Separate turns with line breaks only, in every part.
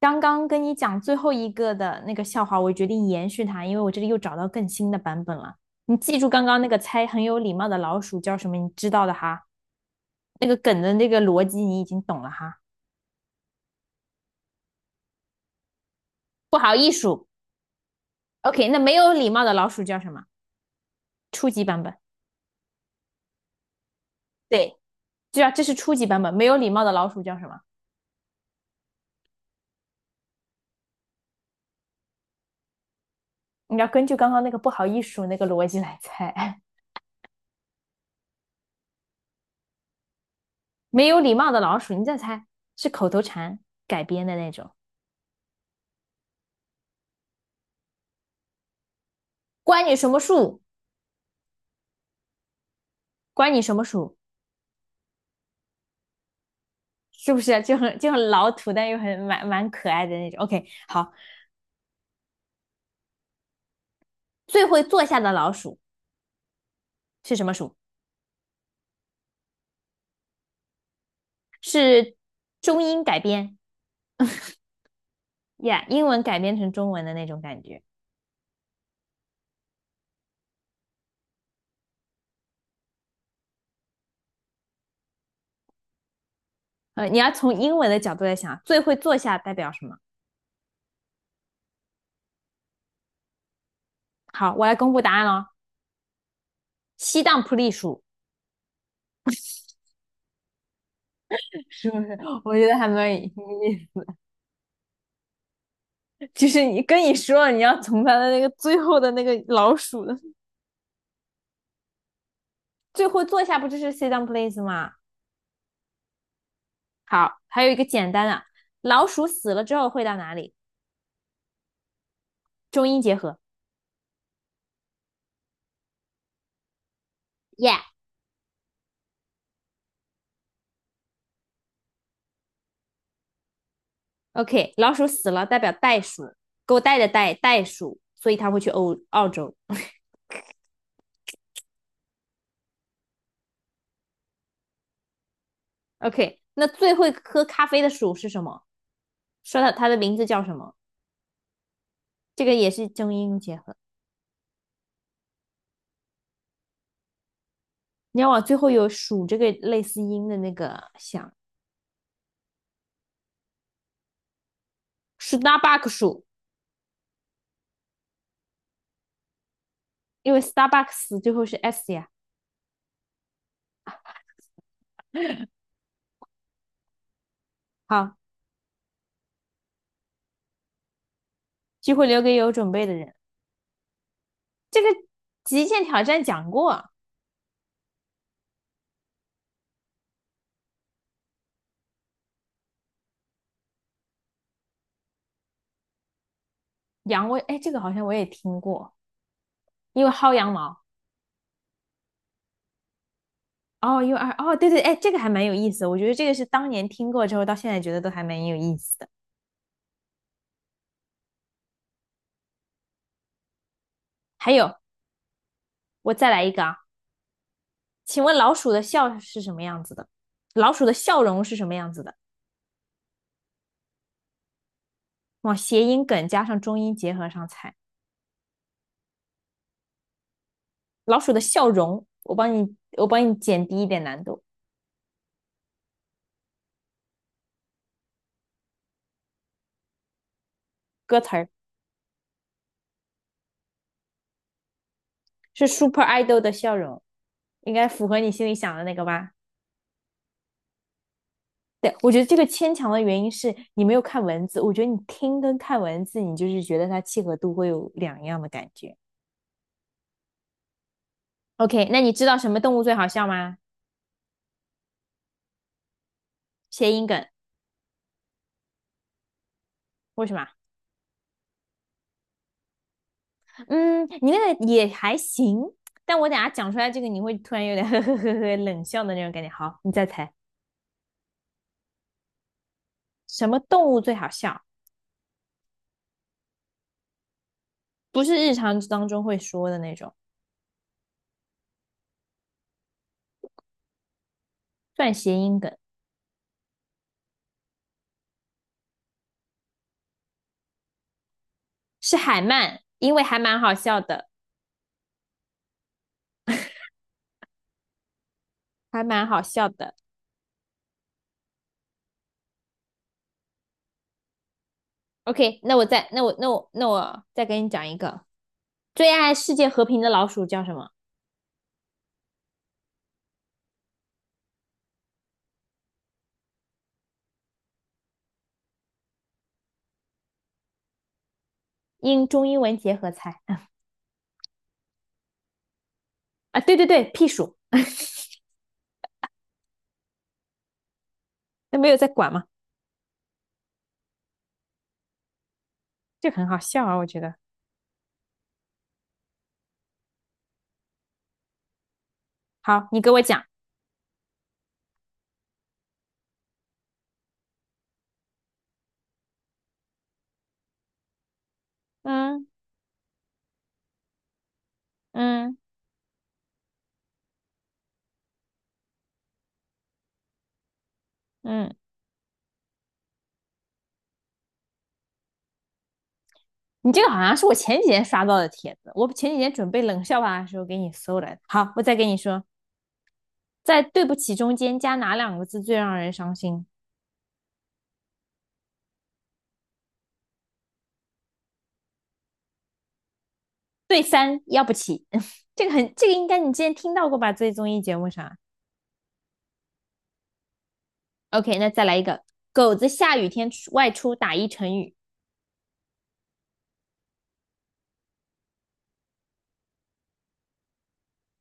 刚刚跟你讲最后一个的那个笑话，我决定延续它，因为我这里又找到更新的版本了。你记住刚刚那个猜很有礼貌的老鼠叫什么？你知道的哈，那个梗的那个逻辑你已经懂了哈。不好意思 o k 那没有礼貌的老鼠叫什么？初级版本，对，对啊，这是初级版本。没有礼貌的老鼠叫什么？你要根据刚刚那个不好意思那个逻辑来猜。没有礼貌的老鼠，你再猜，是口头禅改编的那种。关你什么树？关你什么鼠？是不是就很老土，但又很蛮可爱的那种？OK，好，最会坐下的老鼠是什么鼠？是中英改编呀 yeah，英文改编成中文的那种感觉。你要从英文的角度来想，最会坐下代表什么？好，我来公布答案喽。西当普利鼠是不是？我觉得还蛮有意思，就是你跟你说了，你要从它的那个最后的那个老鼠的最后坐下，不就是 sit down please 吗？好，还有一个简单的，老鼠死了之后会到哪里？中英结合。y e a h OK，老鼠死了代表袋鼠，狗带的袋袋鼠，所以它会去欧澳洲。OK，那最会喝咖啡的鼠是什么？说到它的名字叫什么？这个也是中英结合。你要往最后有“鼠”这个类似音的那个想，Starbucks 鼠，因为 Starbucks 最后是 s 呀。好，机会留给有准备的人。这个极限挑战讲过，羊我，哎，这个好像我也听过，因为薅羊毛。哦，U r 哦，对对，哎，这个还蛮有意思的我觉得这个是当年听过之后，到现在觉得都还蛮有意思的。还有，我再来一个啊，请问老鼠的笑是什么样子的？老鼠的笑容是什么样子的？往谐音梗加上中音结合上猜。老鼠的笑容，我帮你，我帮你减低一点难度。歌词儿是 Super Idol 的笑容，应该符合你心里想的那个吧？对，我觉得这个牵强的原因是你没有看文字，我觉得你听跟看文字，你就是觉得它契合度会有两样的感觉。OK，那你知道什么动物最好笑吗？谐音梗，为什么？嗯，你那个也还行，但我等下讲出来这个，你会突然有点 呵呵呵呵冷笑的那种感觉。好，你再猜，什么动物最好笑？不是日常当中会说的那种，算谐音梗，是海鳗，因为还蛮好笑的，还蛮好笑的。OK，那我再，那我那我那我再给你讲一个，最爱世界和平的老鼠叫什么？英中英文结合猜啊，对对对，屁鼠，那没有在管吗？这个很好笑啊，我觉得。好，你给我讲。嗯嗯嗯，你这个好像是我前几天刷到的帖子，我前几天准备冷笑话的时候给你搜来的。好，我再给你说，在对不起中间加哪两个字最让人伤心？对三，要不起。这个很，这个应该你之前听到过吧？在综艺节目上。OK，那再来一个，狗子下雨天外出打一成语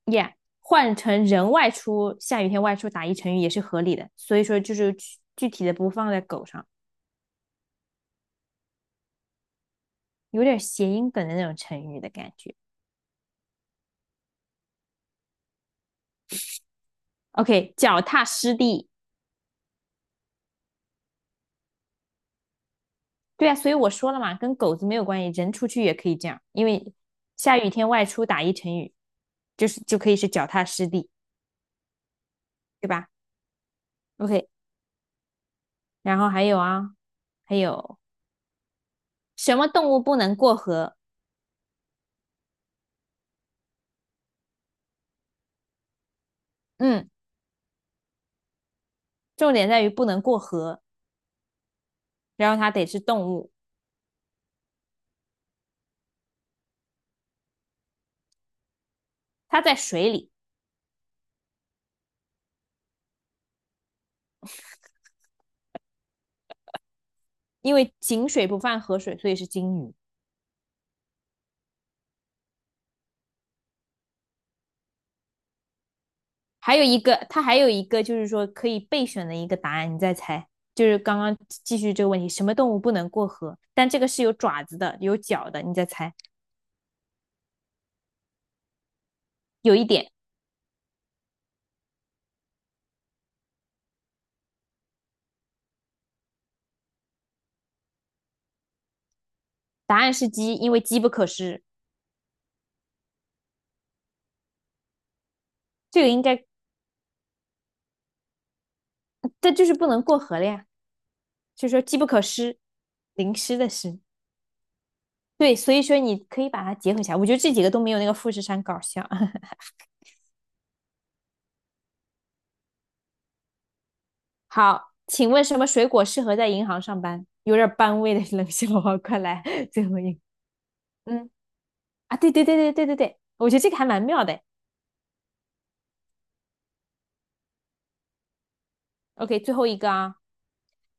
，Yeah，换成人外出，下雨天外出打一成语也是合理的。所以说就是具体的不放在狗上。有点谐音梗的那种成语的感觉。OK，脚踏实地，对啊，所以我说了嘛，跟狗子没有关系，人出去也可以这样，因为下雨天外出打一成语，就可以是脚踏实地，对吧？OK，然后还有啊，还有什么动物不能过河？嗯，重点在于不能过河，然后它得是动物，它在水里，因为井水不犯河水，所以是金鱼。还有一个，它还有一个就是说可以备选的一个答案，你再猜。就是刚刚继续这个问题，什么动物不能过河？但这个是有爪子的，有脚的，你再猜。有一点，答案是鸡，因为机不可失。这个应该，这就是不能过河了呀，就是说机不可失，淋湿的湿。对，所以说你可以把它结合起来。我觉得这几个都没有那个富士山搞笑。好，请问什么水果适合在银行上班？有点班味的冷笑话，快来最后一个。嗯，啊，对对对对对对对，我觉得这个还蛮妙的。OK，最后一个啊，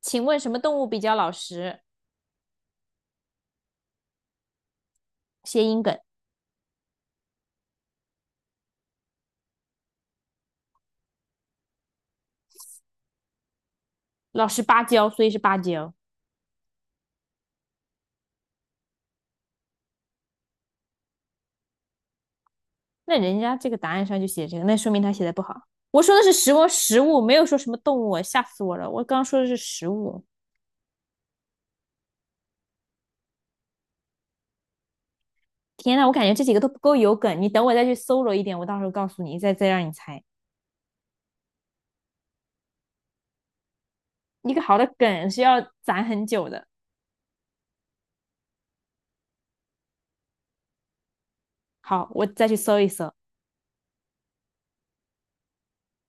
请问什么动物比较老实？谐音梗，老实巴交，所以是芭蕉。那人家这个答案上就写这个，那说明他写的不好。我说的是食物，食物没有说什么动物啊吓死我了！我刚刚说的是食物。天呐，我感觉这几个都不够有梗，你等我再去搜罗一点，我到时候告诉你，再让你猜。一个好的梗是要攒很久的。好，我再去搜一搜。